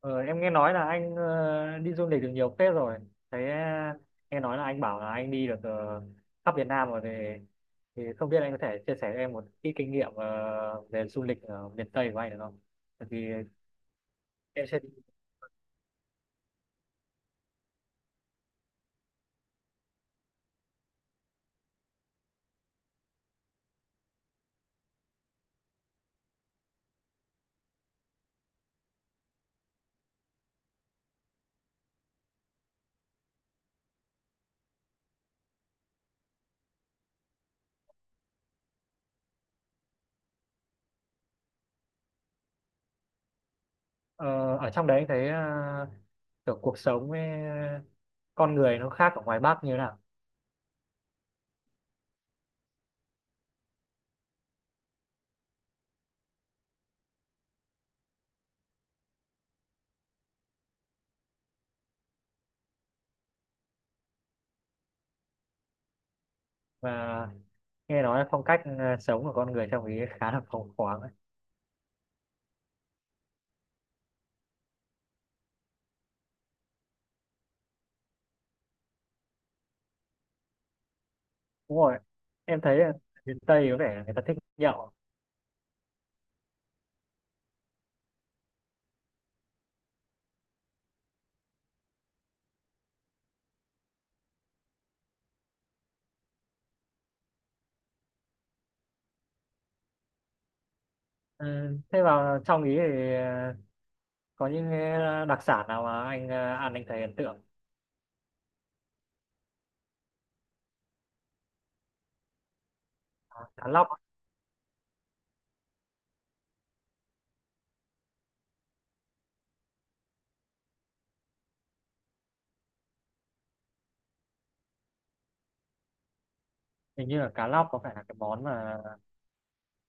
Ờ, em nghe nói là anh đi du lịch được nhiều phết rồi. Thế ờ, Nghe nói là anh bảo là anh đi được khắp Việt Nam rồi thì không biết anh có thể chia sẻ cho em một ít kinh nghiệm về du lịch ở miền Tây của anh được không? Tại vì em sẽ ờ, ở trong đấy anh thấy kiểu cuộc sống với con người nó khác ở ngoài Bắc như thế nào và nghe nói là phong cách sống của con người trong ý khá là phóng khoáng ấy. Đúng rồi. Em thấy là miền Tây có vẻ là người ta thích nhậu. Ừ, thế vào trong ý thì có những cái đặc sản nào mà anh ăn anh thấy ấn tượng. À, cá lóc á. Hình như là cá lóc có phải là cái món mà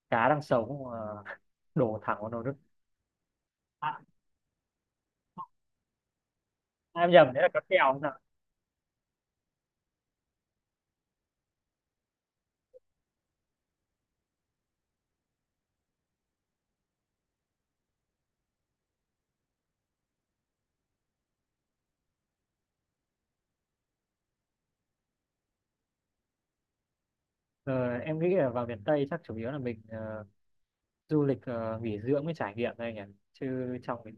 cá đang sống mà đổ thẳng vào nồi nước. À, em nhầm đấy là cá kèo không ạ? Ờ, em nghĩ là vào miền Tây chắc chủ yếu là mình du lịch nghỉ dưỡng với trải nghiệm thôi nhỉ, chứ trong mình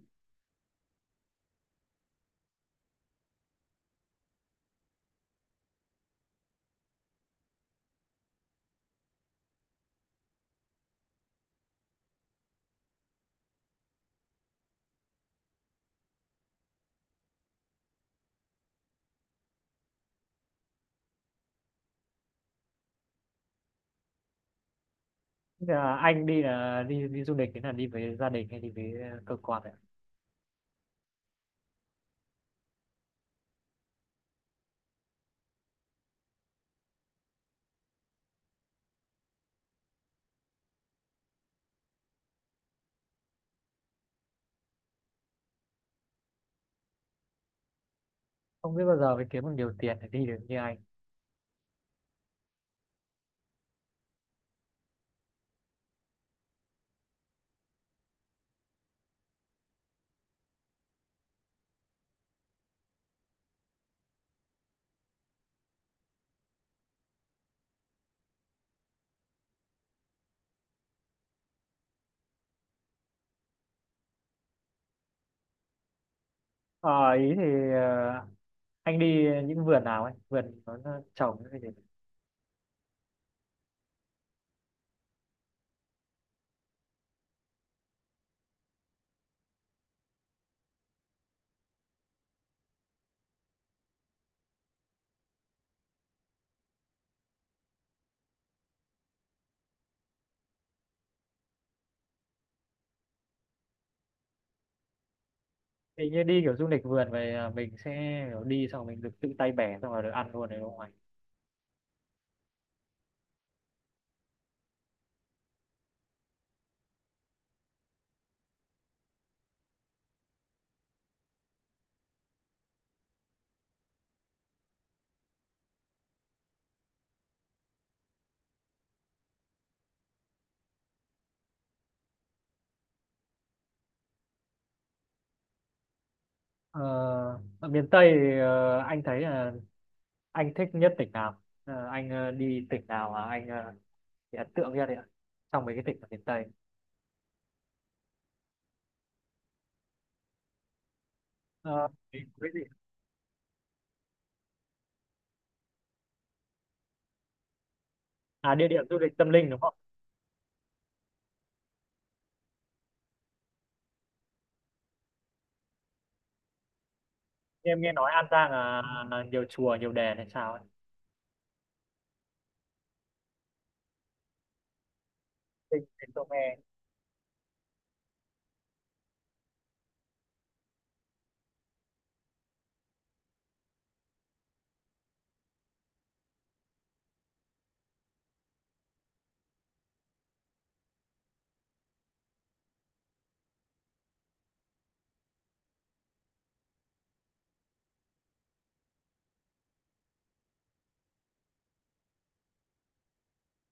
là anh đi là đi đi du lịch thì là đi với gia đình hay đi với cơ quan ạ? Không biết bao giờ mới kiếm được nhiều tiền để đi được như anh. Ờ, ý thì ờ, anh đi những vườn nào ấy, vườn nó trồng cái gì? Hình như đi kiểu du lịch vườn về à, mình sẽ kiểu đi xong mình được tự tay bẻ xong rồi được ăn luôn đấy đúng không anh? ờ, Ở miền Tây thì, anh thấy là anh thích nhất tỉnh nào? Ờ, anh đi tỉnh nào mà anh bị ấn tượng nhất đấy ạ, trong mấy cái tỉnh ở miền Tây? Ờ, cái gì, à, địa điểm du lịch tâm linh đúng không? Em nghe nói An Giang là nhiều chùa nhiều đền hay sao ấy. Tinh- Tinh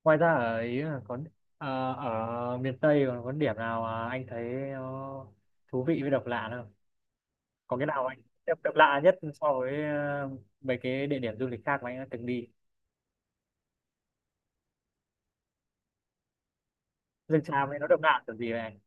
Ngoài ra ở ý là có ở miền Tây còn có điểm nào mà anh thấy nó thú vị với độc lạ nữa không? Có cái nào anh độc lạ nhất so với mấy cái địa điểm du lịch khác mà anh đã từng đi? Rừng tràm ấy nó độc lạ kiểu gì vậy anh?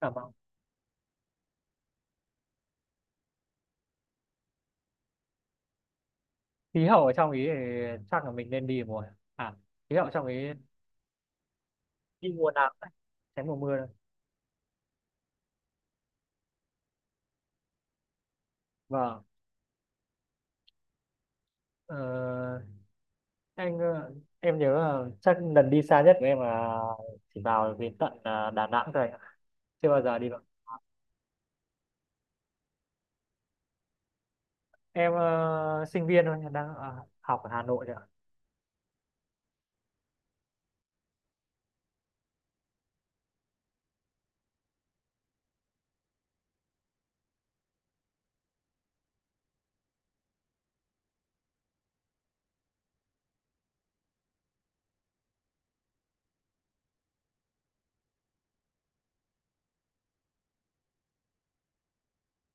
Cảm không, khí hậu ở trong ý thì chắc là mình nên đi mùa, à, khí hậu trong ý đi mùa nào cũng được, tránh mùa mưa thôi. Vâng. Ờ, anh em nhớ là chắc lần đi xa nhất của em là chỉ vào đến tận Đà Nẵng thôi, chưa bao giờ đi. Em sinh viên thôi, đang ở, học ở Hà Nội ạ.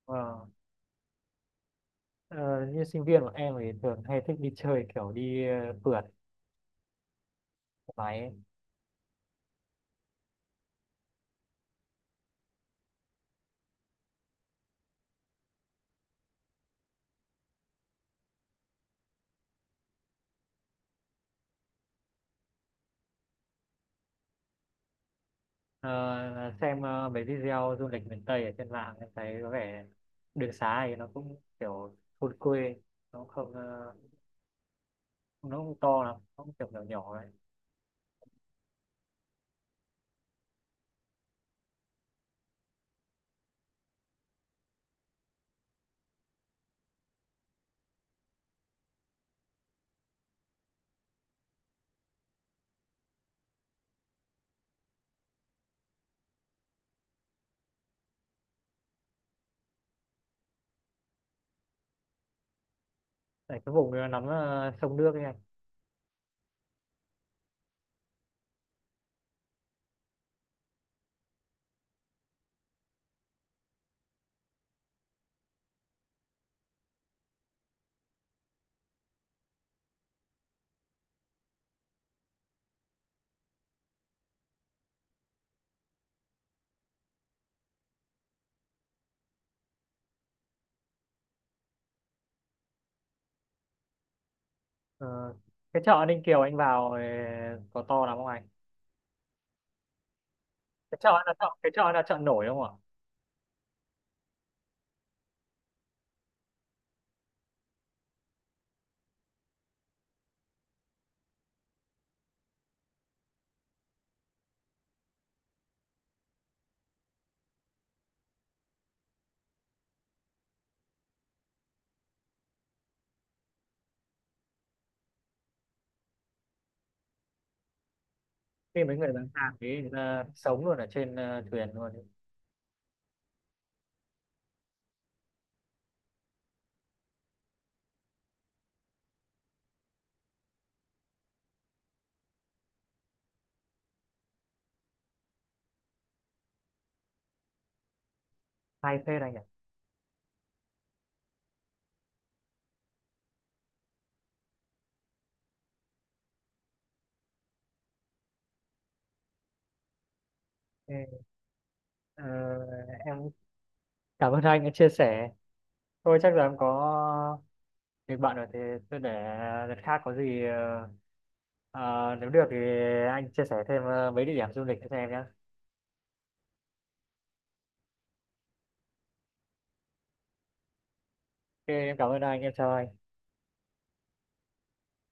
Vâng. Ờ, như sinh viên của em thì thường hay thích đi chơi kiểu đi phượt máy ấy. Ờ, xem mấy video du lịch miền Tây ở trên mạng em thấy có vẻ đường xá thì nó cũng kiểu thôn quê, nó cũng không nó cũng to lắm, nó cũng kiểu nhỏ nhỏ đấy. Tại cái vùng nó nắm sông nước ấy anh. Ờ, cái chợ Ninh Kiều anh vào có to lắm không anh? Cái chợ là chợ nổi đúng không ạ? Khi mấy người bán hàng ấy là sống luôn ở trên thuyền luôn ấy. Hay phết anh ạ. Ê, ờ, em cảm ơn anh đã chia sẻ, thôi chắc là em có việc bận rồi thì tôi để đợt khác, có gì nếu được thì anh chia sẻ thêm mấy địa điểm du lịch cho em nhé. Ok em cảm ơn anh, em chào anh.